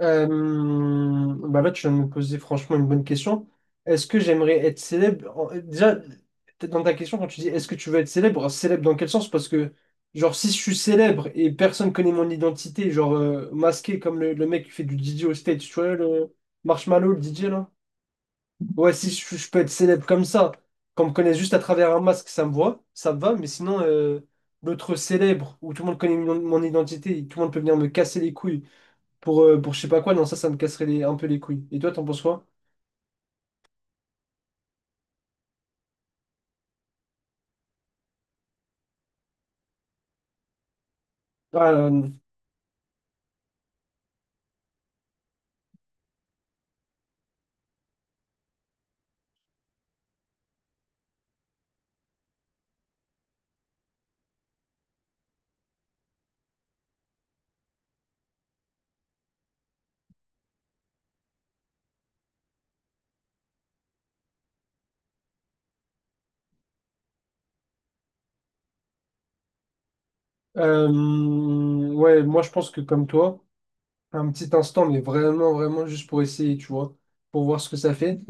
Euh, Bah là, tu viens de me poser franchement une bonne question. Est-ce que j'aimerais être célèbre? Déjà, peut-être dans ta question, quand tu dis est-ce que tu veux être célèbre, célèbre dans quel sens? Parce que, genre, si je suis célèbre et personne connaît mon identité, genre masqué comme le mec qui fait du DJ au stage, tu vois, le Marshmallow, le DJ là? Ouais, si je peux être célèbre comme ça, qu'on me connaisse juste à travers un masque, ça me voit, ça me va, mais sinon, l'autre célèbre où tout le monde connaît mon identité, tout le monde peut venir me casser les couilles pour je sais pas quoi, non, ça me casserait un peu les couilles. Et toi, t'en penses quoi? Ah, ouais, moi, je pense que comme toi. Un petit instant, mais vraiment, vraiment juste pour essayer, tu vois, pour voir ce que ça fait.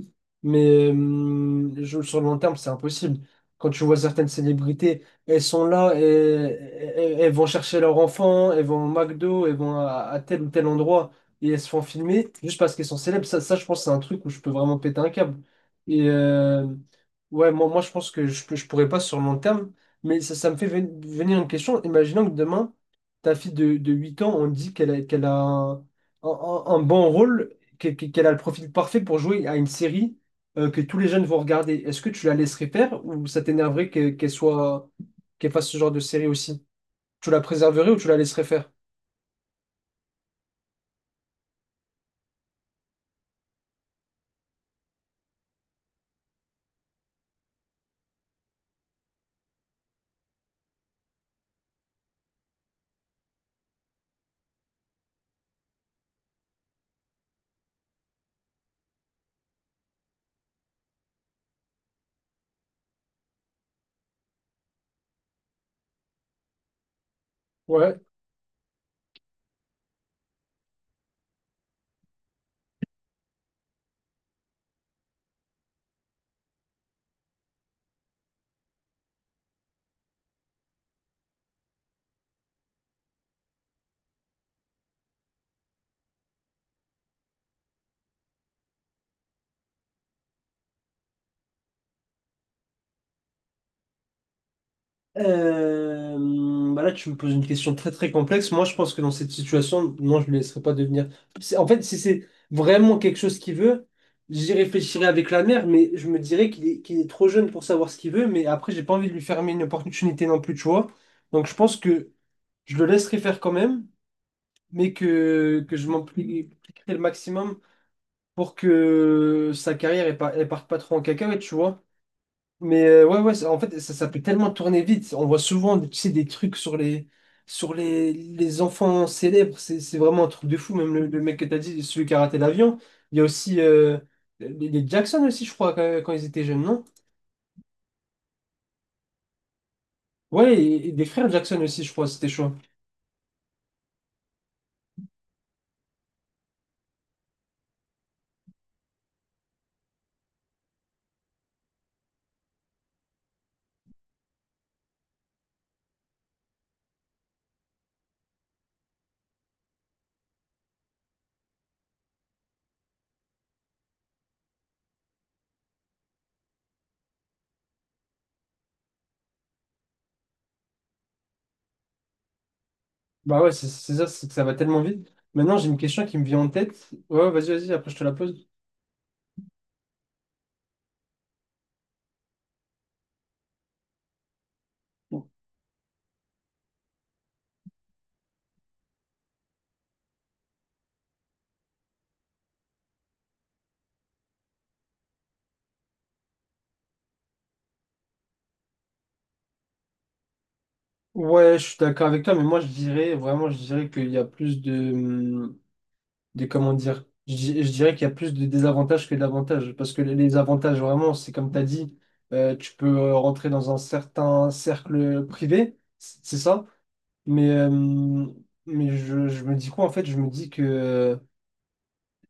Mais sur le long terme, c'est impossible. Quand tu vois certaines célébrités, elles sont là, et, elles vont chercher leur enfant, elles vont au McDo, elles vont à tel ou tel endroit, et elles se font filmer juste parce qu'elles sont célèbres. Ça, je pense, c'est un truc où je peux vraiment péter un câble. Et ouais, moi, je pense que je pourrais pas sur le long terme, mais ça me fait venir une question. Imaginons que demain, ta fille de 8 ans, on dit qu'elle a un bon rôle, qu'elle a le profil parfait pour jouer à une série que tous les jeunes vont regarder. Est-ce que tu la laisserais faire ou ça t'énerverait qu'elle fasse ce genre de série aussi? Tu la préserverais ou tu la laisserais faire? Ouais. Bah là, tu me poses une question très très complexe. Moi, je pense que dans cette situation, non, je ne le laisserai pas devenir. En fait, si c'est vraiment quelque chose qu'il veut, j'y réfléchirai avec la mère, mais je me dirais qu'il est trop jeune pour savoir ce qu'il veut. Mais après, j'ai pas envie de lui fermer une opportunité non plus, tu vois. Donc, je pense que je le laisserai faire quand même, mais que je m'impliquerai le maximum pour que sa carrière ne parte pas trop en cacahuète, tu vois. Mais ouais, ouais, en fait, ça peut tellement tourner vite. On voit souvent, tu sais, des trucs sur les enfants célèbres. C'est vraiment un truc de fou. Même le mec que t'as dit, celui qui a raté l'avion. Il y a aussi les Jackson aussi, je crois, quand ils étaient jeunes, non? Ouais, et des frères Jackson aussi, je crois, c'était chaud. Bah ouais, c'est ça, c'est que ça va tellement vite. Maintenant, j'ai une question qui me vient en tête. Ouais, vas-y, vas-y, après je te la pose. Ouais, je suis d'accord avec toi, mais moi je dirais vraiment, je dirais qu'il y a plus de, comment dire, je dirais qu'il y a plus de désavantages que d'avantages. Parce que les avantages, vraiment, c'est comme tu as dit, tu peux rentrer dans un certain cercle privé, c'est ça. Mais, euh, mais je me dis quoi en fait? Je me dis que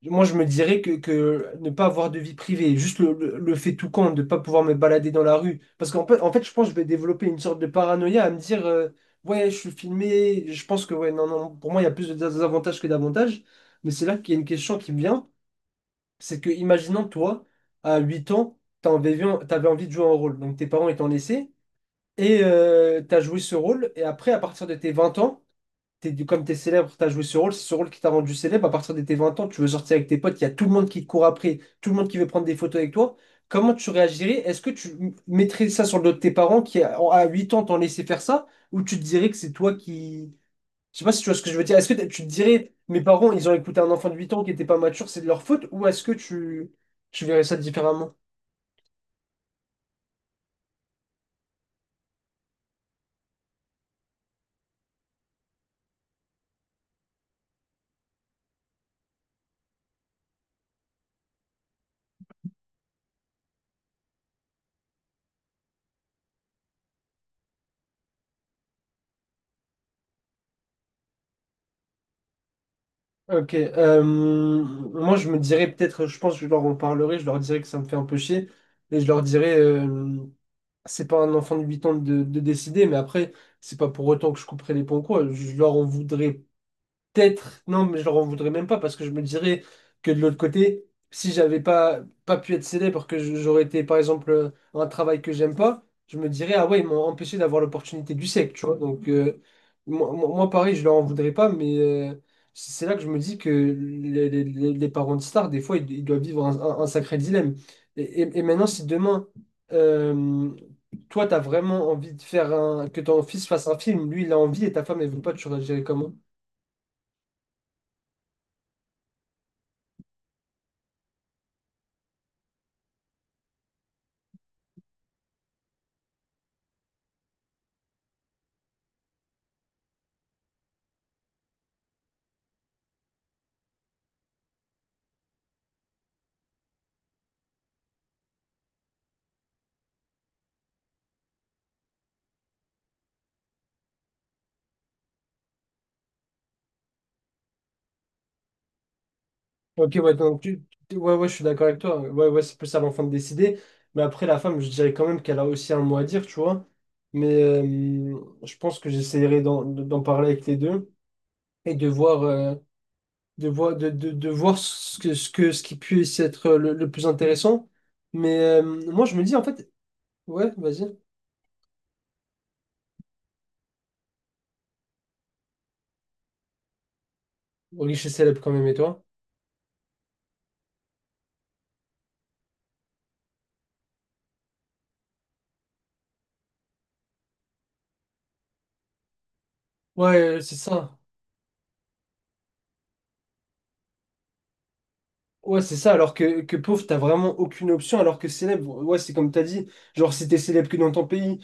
moi, je me dirais que ne pas avoir de vie privée, juste le fait tout compte, de ne pas pouvoir me balader dans la rue. Parce qu'en fait, je pense que je vais développer une sorte de paranoïa à me dire, ouais, je suis filmé, je pense que, ouais, non, non, pour moi, il y a plus de désavantages que d'avantages. Mais c'est là qu'il y a une question qui me vient, c'est que, imaginons, toi, à 8 ans, tu avais, envie de jouer un rôle. Donc, tes parents ils t'ont laissé, et tu as joué ce rôle, et après, à partir de tes 20 ans, comme t'es célèbre, t'as joué ce rôle, c'est ce rôle qui t'a rendu célèbre. À partir de tes 20 ans, tu veux sortir avec tes potes, il y a tout le monde qui te court après, tout le monde qui veut prendre des photos avec toi. Comment tu réagirais? Est-ce que tu mettrais ça sur le dos de tes parents qui, à 8 ans, t'ont laissé faire ça? Ou tu te dirais que c'est toi qui. Je sais pas si tu vois ce que je veux dire. Est-ce que tu te dirais, mes parents, ils ont écouté un enfant de 8 ans qui n'était pas mature, c'est de leur faute? Ou est-ce que tu verrais ça différemment? Ok, moi je me dirais peut-être, je pense que je leur en parlerai, je leur dirais que ça me fait un peu chier, et je leur dirais, c'est pas un enfant de 8 ans de décider, mais après, c'est pas pour autant que je couperai les ponts, quoi. Je leur en voudrais peut-être, non, mais je leur en voudrais même pas parce que je me dirais que de l'autre côté, si j'avais pas pu être célèbre, que j'aurais été par exemple un travail que j'aime pas, je me dirais, ah ouais, ils m'ont empêché d'avoir l'opportunité du siècle, tu vois. Donc, moi, pareil, je leur en voudrais pas, mais c'est là que je me dis que les parents de stars, des fois, ils doivent vivre un sacré dilemme. Et maintenant, si demain, euh, toi, t'as vraiment envie de que ton fils fasse un film, lui, il a envie et ta femme, elle veut pas, tu réagirais comment? Ok, ouais, donc ouais, ouais, je suis d'accord avec toi. Ouais, ouais, c'est plus à l'enfant de décider. Mais après, la femme, je dirais quand même qu'elle a aussi un mot à dire, tu vois. Mais je pense que j'essaierai d'en parler avec les deux et de voir, de voir ce qui puisse être le plus intéressant. Mais moi, je me dis, en fait, ouais, vas-y. Riche et célèbre quand même, et toi? Ouais, c'est ça. Ouais, c'est ça, alors que pauvre, t'as vraiment aucune option, alors que célèbre, ouais, c'est comme t'as dit, genre si t'es célèbre que dans ton pays,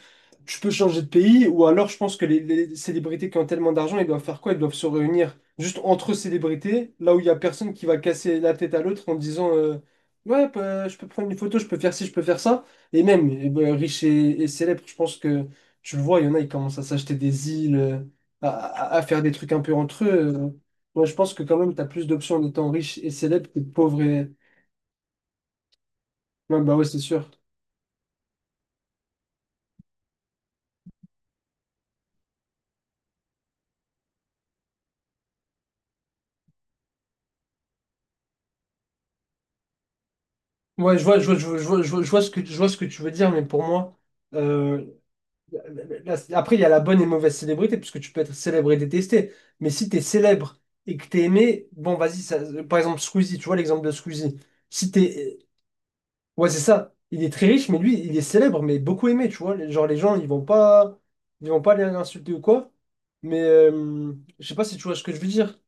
tu peux changer de pays, ou alors je pense que les célébrités qui ont tellement d'argent, ils doivent faire quoi? Ils doivent se réunir juste entre célébrités, là où il y a personne qui va casser la tête à l'autre en disant ouais, bah, je peux prendre une photo, je peux faire ci, je peux faire ça. Et même, eh ben, riches et célèbres, je pense que tu le vois, il y en a, ils commencent à s'acheter des îles, à faire des trucs un peu entre eux. euh. Ouais, je pense que quand même, tu as plus d'options en étant riche et célèbre que pauvre et. Ouais, bah ouais, c'est sûr. Ouais, je vois, je vois ce que, tu veux dire, mais pour moi, euh, après, il y a la bonne et mauvaise célébrité, puisque tu peux être célèbre et détesté. Mais si tu es célèbre et que tu es aimé, bon, vas-y, par exemple, Squeezie, tu vois l'exemple de Squeezie. Si t'es. Ouais, c'est ça. Il est très riche, mais lui, il est célèbre, mais beaucoup aimé, tu vois. Genre, les gens, ils vont pas, aller l'insulter ou quoi. Mais je sais pas si tu vois ce que je veux dire.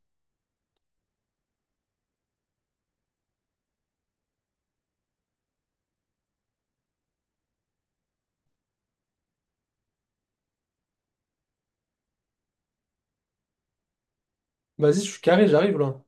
Vas-y, je suis carré, j'arrive là.